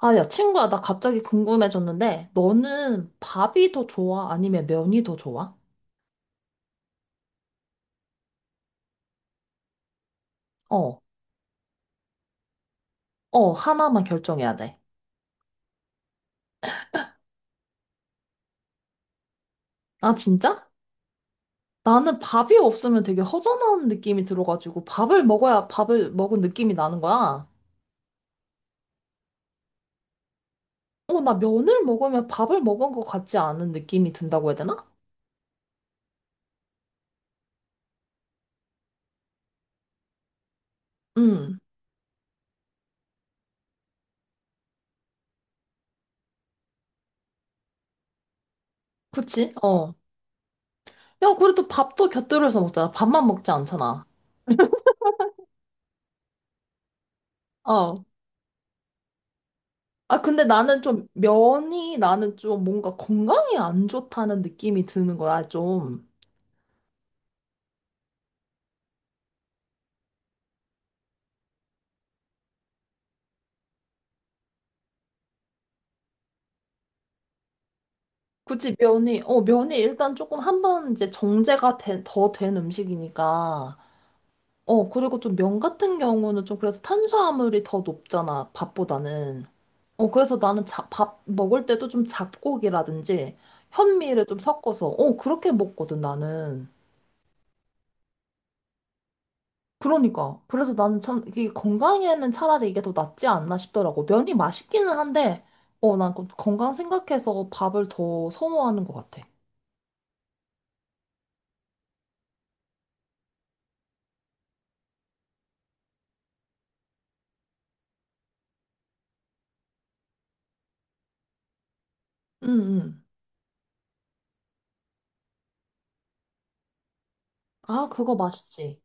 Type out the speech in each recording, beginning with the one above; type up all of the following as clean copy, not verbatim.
아, 야, 친구야, 나 갑자기 궁금해졌는데, 너는 밥이 더 좋아? 아니면 면이 더 좋아? 어, 어, 하나만 결정해야 돼. 아, 진짜? 나는 밥이 없으면 되게 허전한 느낌이 들어가지고, 밥을 먹어야 밥을 먹은 느낌이 나는 거야. 어, 나 면을 먹으면 밥을 먹은 것 같지 않은 느낌이 든다고 해야 되나? 음, 그치? 어. 야, 그래도 밥도 곁들여서 먹잖아. 밥만 먹지 않잖아. 어. 아, 근데 나는 좀 면이 나는 좀 뭔가 건강에 안 좋다는 느낌이 드는 거야, 좀. 그치, 면이, 어, 면이 일단 조금 한번 이제 정제가 된, 더 된 음식이니까. 어, 그리고 좀 면 같은 경우는 좀 그래서 탄수화물이 더 높잖아, 밥보다는. 어, 그래서 나는 자, 밥 먹을 때도 좀 잡곡이라든지 현미를 좀 섞어서, 어, 그렇게 먹거든, 나는. 그러니까. 그래서 나는 참, 이게 건강에는 차라리 이게 더 낫지 않나 싶더라고. 면이 맛있기는 한데, 어, 난그 건강 생각해서 밥을 더 선호하는 것 같아. 응, 응. 아, 그거 맛있지.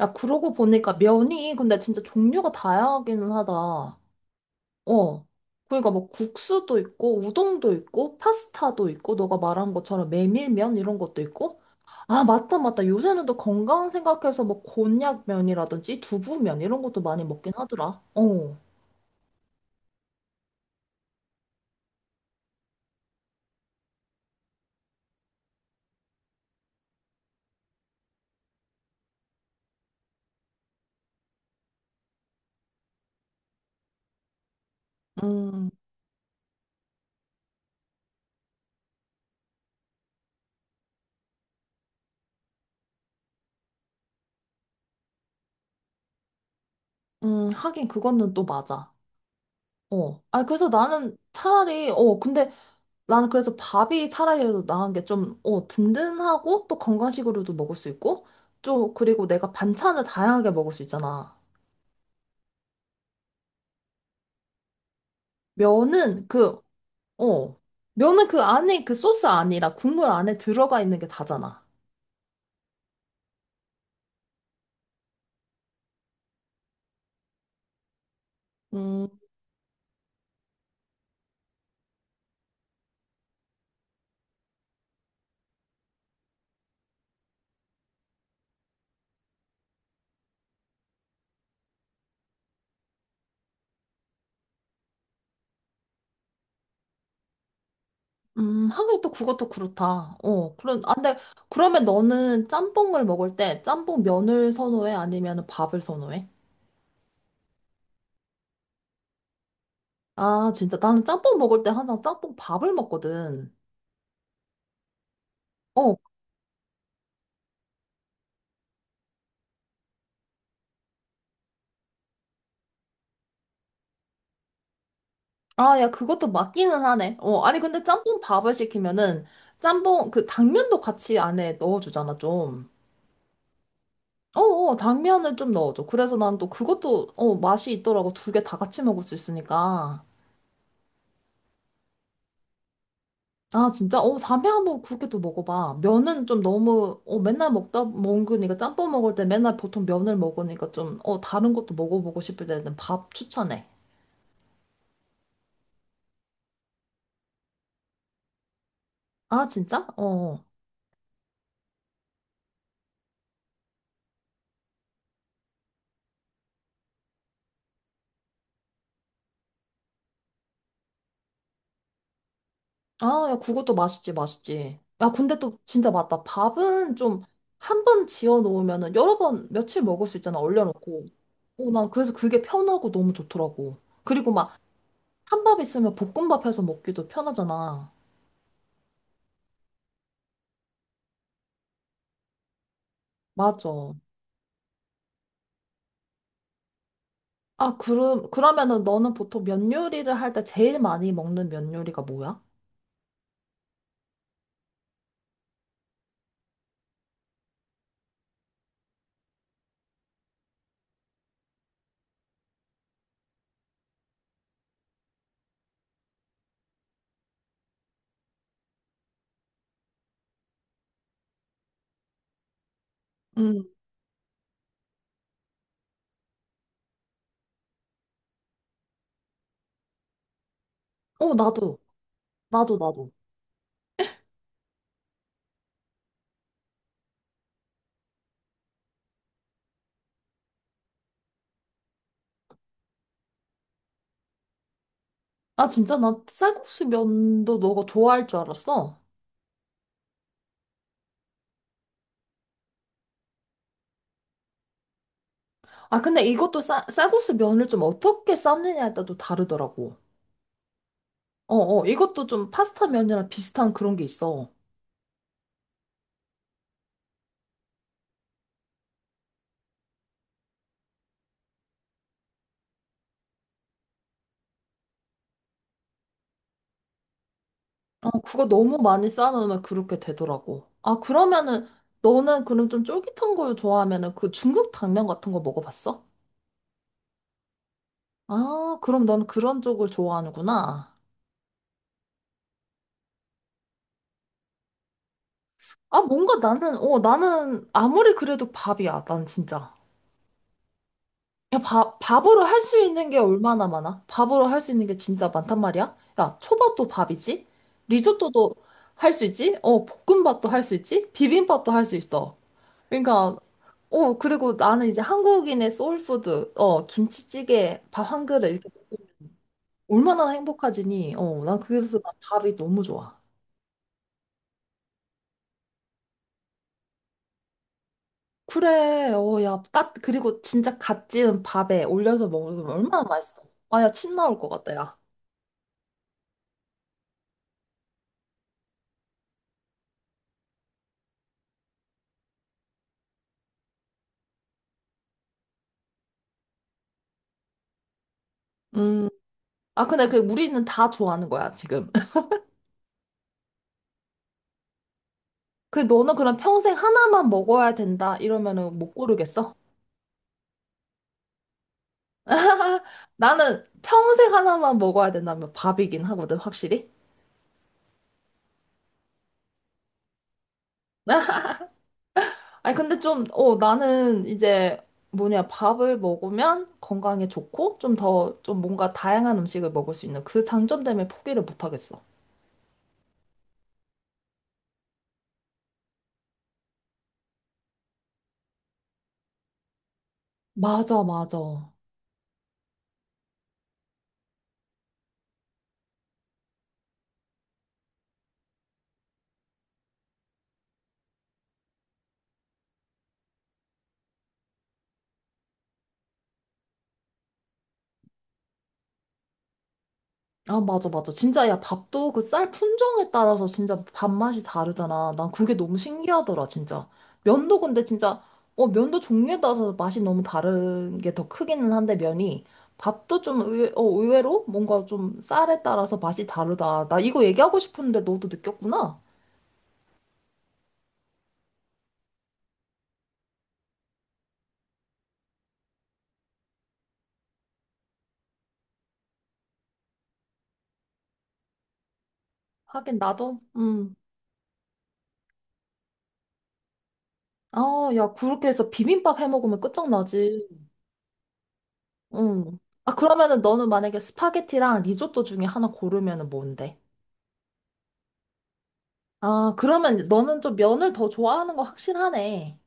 야, 그러고 보니까 면이 근데 진짜 종류가 다양하기는 하다. 어. 그러니까 뭐 국수도 있고, 우동도 있고, 파스타도 있고, 너가 말한 것처럼 메밀면 이런 것도 있고. 아, 맞다, 맞다. 요새는 또 건강 생각해서 뭐 곤약면이라든지 두부면 이런 것도 많이 먹긴 하더라. 어. 음, 하긴 그거는 또 맞아. 어. 아, 그래서 나는 차라리, 어, 근데 나는 그래서 밥이 차라리 도 나은 게 좀, 어, 든든하고 또 건강식으로도 먹을 수 있고, 좀, 그리고 내가 반찬을 다양하게 먹을 수 있잖아. 면은 그, 어, 면은 그 안에 그 소스 아니라 국물 안에 들어가 있는 게 다잖아. 음, 하긴 또 그것도 그렇다. 어, 그런, 아, 근데 그러면 너는 짬뽕을 먹을 때 짬뽕 면을 선호해? 아니면 밥을 선호해? 아, 진짜. 나는 짬뽕 먹을 때 항상 짬뽕 밥을 먹거든. 어. 아, 야, 그것도 맞기는 하네. 어, 아니, 근데 짬뽕 밥을 시키면은 짬뽕, 그 당면도 같이 안에 넣어주잖아, 좀. 어, 당면을 좀 넣어줘. 그래서 난 또 그것도, 어, 맛이 있더라고. 두 개 다 같이 먹을 수 있으니까. 아, 진짜? 어, 다음에 한번 그렇게 또 먹어봐. 면은 좀 너무, 어, 맨날 먹으니까 짬뽕 먹을 때 맨날 보통 면을 먹으니까 좀, 어, 다른 것도 먹어보고 싶을 때는 밥 추천해. 아, 진짜? 어. 어. 아, 야, 그것도 맛있지, 맛있지. 야, 근데 또 진짜 맞다. 밥은 좀 한번 지어 놓으면은 여러 번, 며칠 먹을 수 있잖아, 얼려놓고. 어, 난 그래서 그게 편하고 너무 좋더라고. 그리고 막 한 밥 있으면 볶음밥 해서 먹기도 편하잖아. 맞아. 아, 그럼, 그러면은 너는 보통 면 요리를 할 때 제일 많이 먹는 면 요리가 뭐야? 음. 어, 나도. 나도, 나도. 아, 진짜? 나 쌀국수 면도 너가 좋아할 줄 알았어. 아, 근데 쌀국수 면을 좀 어떻게 삶느냐에 따라 또 다르더라고. 어, 이것도 좀 파스타 면이랑 비슷한 그런 게 있어. 어, 그거 너무 많이 삶으면 그렇게 되더라고. 아, 그러면은, 너는 그럼 좀 쫄깃한 걸 좋아하면은 그 중국 당면 같은 거 먹어봤어? 아, 그럼 넌 그런 쪽을 좋아하는구나. 아, 뭔가 나는, 어, 나는 아무리 그래도 밥이야, 난 진짜. 야, 밥으로 할 수 있는 게 얼마나 많아? 밥으로 할 수 있는 게 진짜 많단 말이야? 야, 초밥도 밥이지? 리조또도 할 수 있지? 어, 볶음밥도 할 수 있지? 비빔밥도 할 수 있어. 그러니까, 어, 그리고 나는 이제 한국인의 소울푸드, 어, 김치찌개, 밥 한 그릇, 이렇게 얼마나 행복하지니? 어, 난 그래서 난 밥이 너무 좋아. 그래, 어, 야, 까, 그리고 진짜 갓 지은 밥에 올려서 먹으면 얼마나 맛있어. 아, 야, 침 나올 것 같다, 야. 음. 아, 근데 그 우리는 다 좋아하는 거야, 지금. 그 너는 그럼 평생 하나만 먹어야 된다 이러면은 못 고르겠어? 나는 평생 하나만 먹어야 된다면 밥이긴 하거든, 확실히. 아니, 근데 좀, 어, 나는 이제 뭐냐, 밥을 먹으면 건강에 좋고 좀 더, 좀 뭔가 다양한 음식을 먹을 수 있는 그 장점 때문에 포기를 못 하겠어. 맞아, 맞아. 아, 맞아, 맞아. 진짜, 야, 밥도 그 쌀 품종에 따라서 진짜 밥맛이 다르잖아. 난 그게 너무 신기하더라, 진짜. 면도 근데 진짜, 어, 면도 종류에 따라서 맛이 너무 다른 게 더 크기는 한데, 면이. 밥도 좀 의외로 뭔가 좀 쌀에 따라서 맛이 다르다. 나 이거 얘기하고 싶었는데 너도 느꼈구나? 하긴 나도, 아, 야, 그렇게 해서 비빔밥 해 먹으면 끝장나지. 응 아, 그러면은 너는 만약에 스파게티랑 리조또 중에 하나 고르면은 뭔데? 아, 그러면 너는 좀 면을 더 좋아하는 거 확실하네.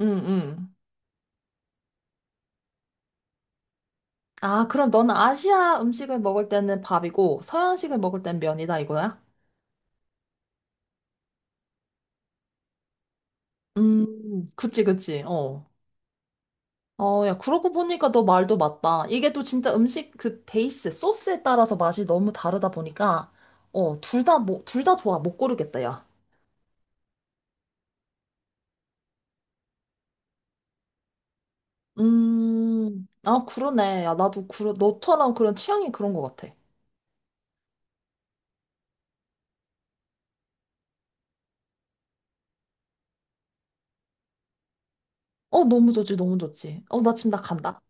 응, 응. 아, 그럼 너는 아시아 음식을 먹을 때는 밥이고 서양식을 먹을 땐 면이다 이거야? 그치, 그치. 어. 어, 야, 그러고 보니까 너 말도 맞다. 이게 또 진짜 음식 그 베이스, 소스에 따라서 맛이 너무 다르다 보니까, 어, 둘 다, 뭐, 둘 다 좋아. 못 고르겠다, 야. 아, 그러네. 야, 나도, 그러, 너처럼 그런 취향이 그런 것 같아. 어, 너무 좋지, 너무 좋지. 어, 나 지금 나 간다.